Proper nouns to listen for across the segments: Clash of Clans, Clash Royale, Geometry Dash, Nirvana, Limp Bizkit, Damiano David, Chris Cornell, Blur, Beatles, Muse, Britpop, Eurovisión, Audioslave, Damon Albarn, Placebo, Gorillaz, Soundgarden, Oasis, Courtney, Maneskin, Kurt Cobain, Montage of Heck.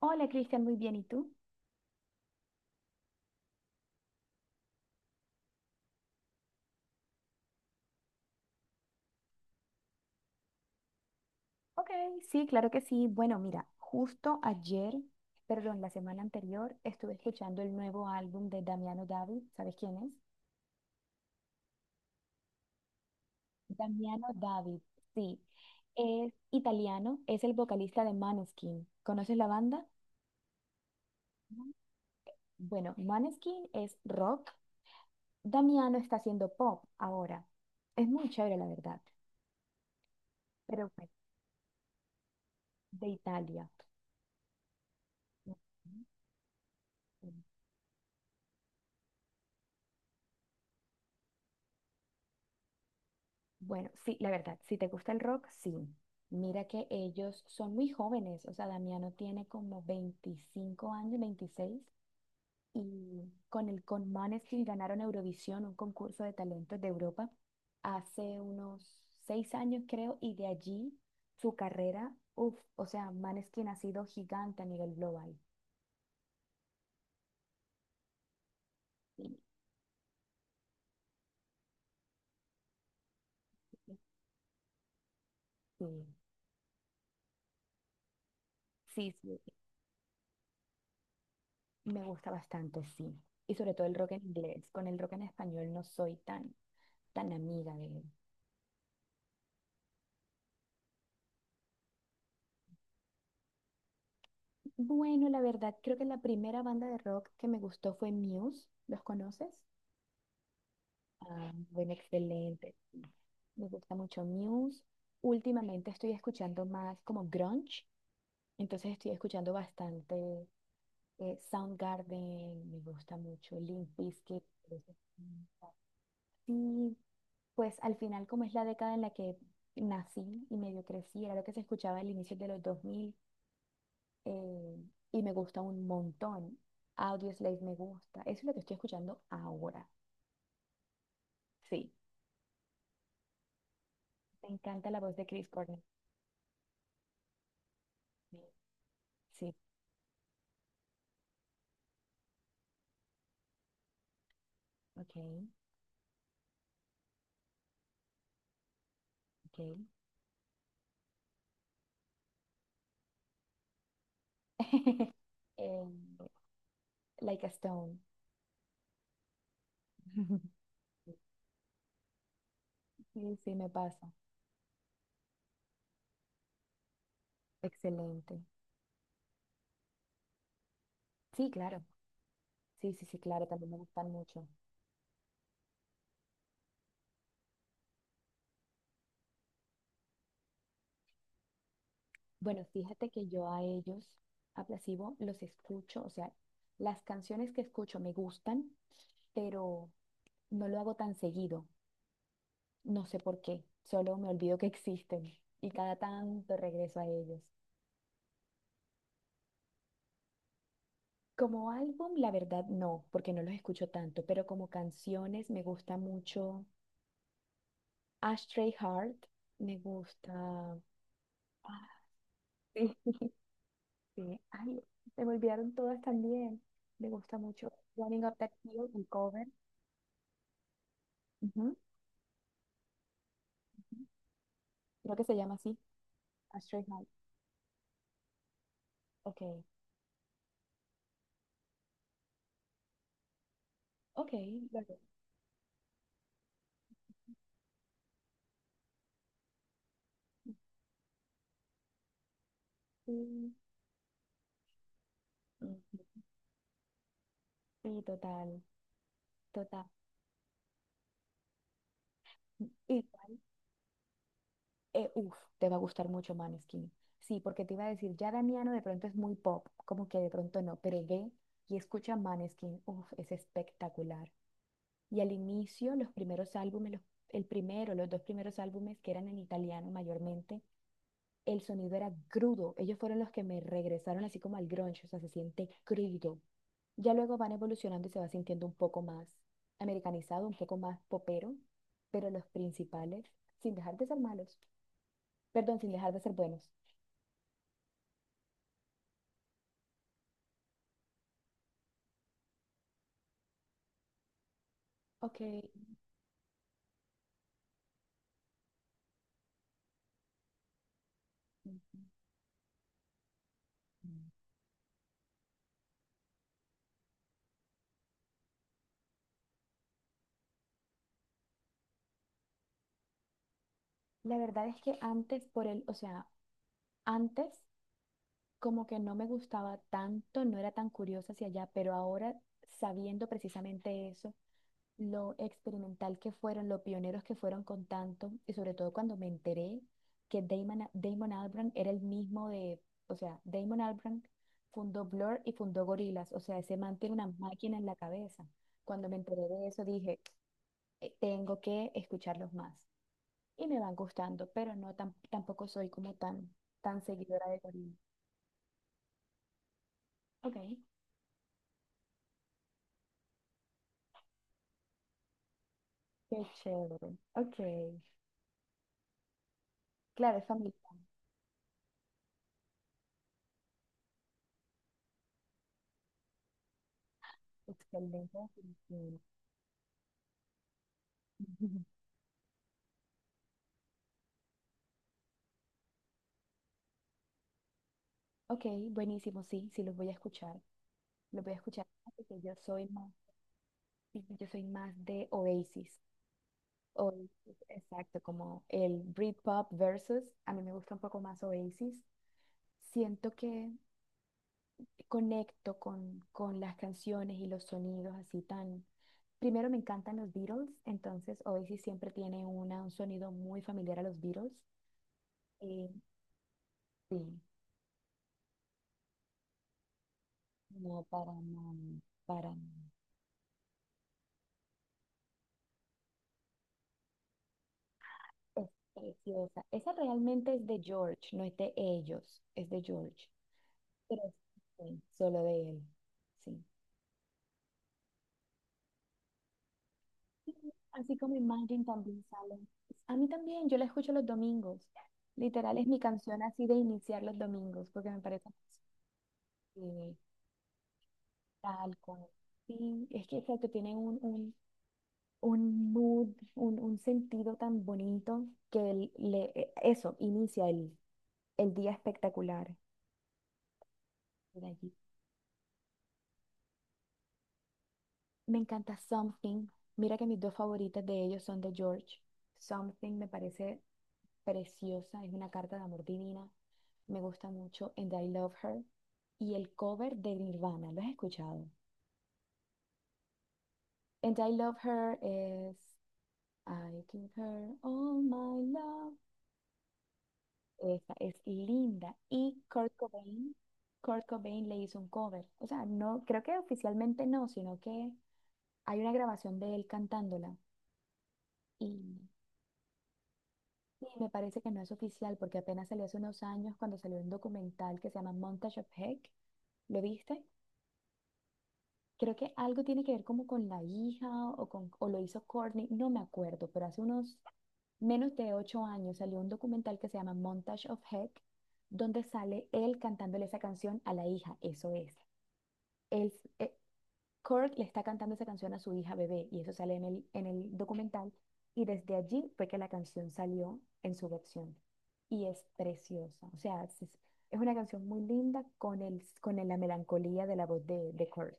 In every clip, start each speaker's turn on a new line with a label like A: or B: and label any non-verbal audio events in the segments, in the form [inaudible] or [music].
A: Hola Cristian, muy bien. ¿Y tú? Ok, sí, claro que sí. Bueno, mira, justo ayer, perdón, la semana anterior, estuve escuchando el nuevo álbum de Damiano David. ¿Sabes quién es? Damiano David, sí. Es italiano, es el vocalista de Maneskin. ¿Conoces la banda? No. Bueno, Maneskin es rock. Damiano está haciendo pop ahora. Es muy chévere, la verdad. Pero pues, de Italia. Ujú. Bueno, sí, la verdad, si te gusta el rock, sí. Mira que ellos son muy jóvenes, o sea, Damiano tiene como 25 años, 26, y con Måneskin ganaron Eurovisión, un concurso de talentos de Europa, hace unos 6 años, creo, y de allí su carrera, uff, o sea, Måneskin ha sido gigante a nivel global. Sí, sí, sí, sí, me gusta bastante, sí. Y sobre todo el rock en inglés, con el rock en español no soy tan tan amiga de. Bueno, la verdad, creo que la primera banda de rock que me gustó fue Muse. ¿Los conoces? Ah, bueno, excelente. Sí. Me gusta mucho Muse. Últimamente estoy escuchando más como grunge, entonces estoy escuchando bastante Soundgarden, me gusta mucho Limp Bizkit. Entonces, sí, pues al final, como es la década en la que nací y medio crecí, era lo que se escuchaba al inicio de los 2000. eh, y me gusta un montón. Audioslave me gusta. Eso es lo que estoy escuchando ahora. Sí, me encanta la voz de Chris Cornell. Sí, ok, ok. [laughs] Eh, Like a Stone. [laughs] Sí, sí, me pasa. Excelente. Sí, claro. Sí, sí, sí, claro, también me gustan mucho. Bueno, fíjate que yo a ellos, a Placebo, los escucho, o sea, las canciones que escucho me gustan, pero no lo hago tan seguido. No sé por qué, solo me olvido que existen y cada tanto regreso a ellos. Como álbum, la verdad no, porque no los escucho tanto, pero como canciones me gusta mucho Ashtray Heart, me gusta. Ah, sí, [laughs] sí. Ay, se me olvidaron todas también. Me gusta mucho Running Up That Hill, el cover. Ujú, ujú. Creo que se llama así, Ashtray Heart. Ok, ok, lo haré. Sí, ujú. Sí, total, total. Igual. Uf, te va a gustar mucho Maneskin. Sí, porque te iba a decir, ya Damiano de pronto es muy pop, como que de pronto no, pero ve y escucha Maneskin. Uf, es espectacular. Y al inicio, los primeros álbumes, el primero, los dos primeros álbumes que eran en italiano mayormente, el sonido era crudo. Ellos fueron los que me regresaron así como al grunge, o sea, se siente crudo. Ya luego van evolucionando y se va sintiendo un poco más americanizado, un poco más popero, pero los principales, sin dejar de ser malos. Perdón, sin dejar de ser buenos. Ok. La verdad es que antes por el, o sea, antes como que no me gustaba tanto, no era tan curiosa hacia allá, pero ahora sabiendo precisamente eso, lo experimental que fueron, los pioneros que fueron con tanto, y sobre todo cuando me enteré que Damon Albarn era el mismo de, o sea, Damon Albarn fundó Blur y fundó Gorillaz, o sea, ese man tiene una máquina en la cabeza. Cuando me enteré de eso dije, tengo que escucharlos más. Y me van gustando, pero no tampoco soy como tan, tan seguidora de Corina. Ok. Qué chévere. Ok. Claro, es familiar. Excelente definición. [laughs] Ok, buenísimo, sí, sí los voy a escuchar. Los voy a escuchar porque yo soy más, sí, yo soy más de Oasis. Oasis, exacto, como el Britpop versus, a mí me gusta un poco más Oasis. Siento que conecto con las canciones y los sonidos así tan. Primero me encantan los Beatles, entonces Oasis siempre tiene un sonido muy familiar a los Beatles. Eh, sí, no, para mí, para mí. Es preciosa. Esa realmente es de George, no es de ellos, es de George, pero es, sí, solo de él. Sí. Y así como Imagine también sale. A mí también, yo la escucho los domingos. Literal es mi canción así de iniciar los domingos, porque me parece eh, tal, sí, es que, exacto, tienen un mood, un sentido tan bonito que eso inicia el día espectacular. De allí. Me encanta Something. Mira que mis dos favoritas de ellos son de George. Something me parece preciosa, es una carta de amor divina. Me gusta mucho And I Love Her. Y el cover de Nirvana, ¿lo has escuchado? And I Love Her es I give her all my love. Esa es linda. Y Kurt Cobain le hizo un cover. O sea, no, creo que oficialmente no, sino que hay una grabación de él cantándola. Y, y me parece que no es oficial porque apenas salió hace unos años cuando salió un documental que se llama Montage of Heck. ¿Lo viste? Creo que algo tiene que ver como con la hija o, con, o lo hizo Courtney, no me acuerdo, pero hace unos menos de 8 años salió un documental que se llama Montage of Heck, donde sale él cantándole esa canción a la hija, eso es. él, eh, Kurt le está cantando esa canción a su hija bebé y eso sale en en el documental y desde allí fue que la canción salió en su versión y es preciosa, o sea, es una canción muy linda la melancolía de la voz de Kurt.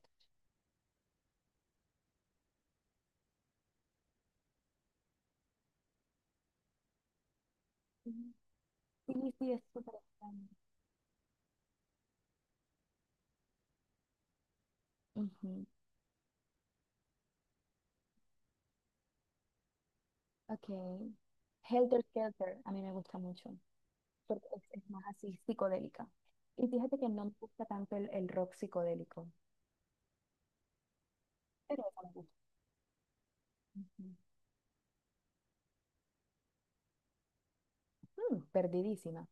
A: Ujú. Sí, sí, es súper extraño. Ujú. Ok. Helter Skelter, a mí me gusta mucho, porque es más así psicodélica. Y fíjate que no me gusta tanto el rock psicodélico, pero esa me gusta. Ujú. Mm, perdidísima.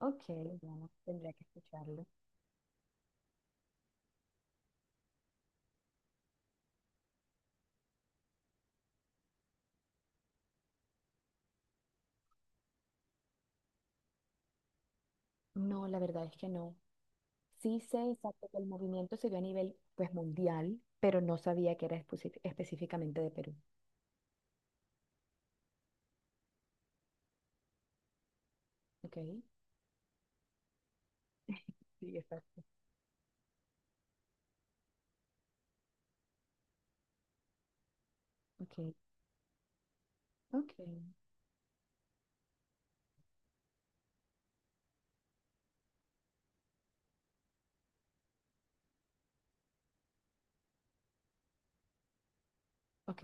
A: Ok. Bueno, tendría que escucharlo. No, la verdad es que no. Sí sé exacto que el movimiento se dio a nivel pues mundial, pero no sabía que era específicamente de Perú. Ok, sí, exacto. Ok, ok, ok,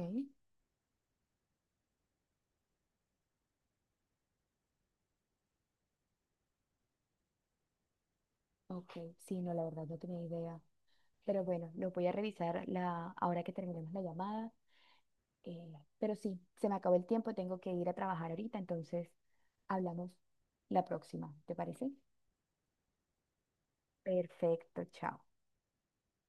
A: ok. Sí, no, la verdad no tenía idea. Pero bueno, lo voy a revisar ahora que terminemos la llamada. eh, pero sí, se me acabó el tiempo, tengo que ir a trabajar ahorita, entonces hablamos la próxima, ¿te parece? Perfecto, chao.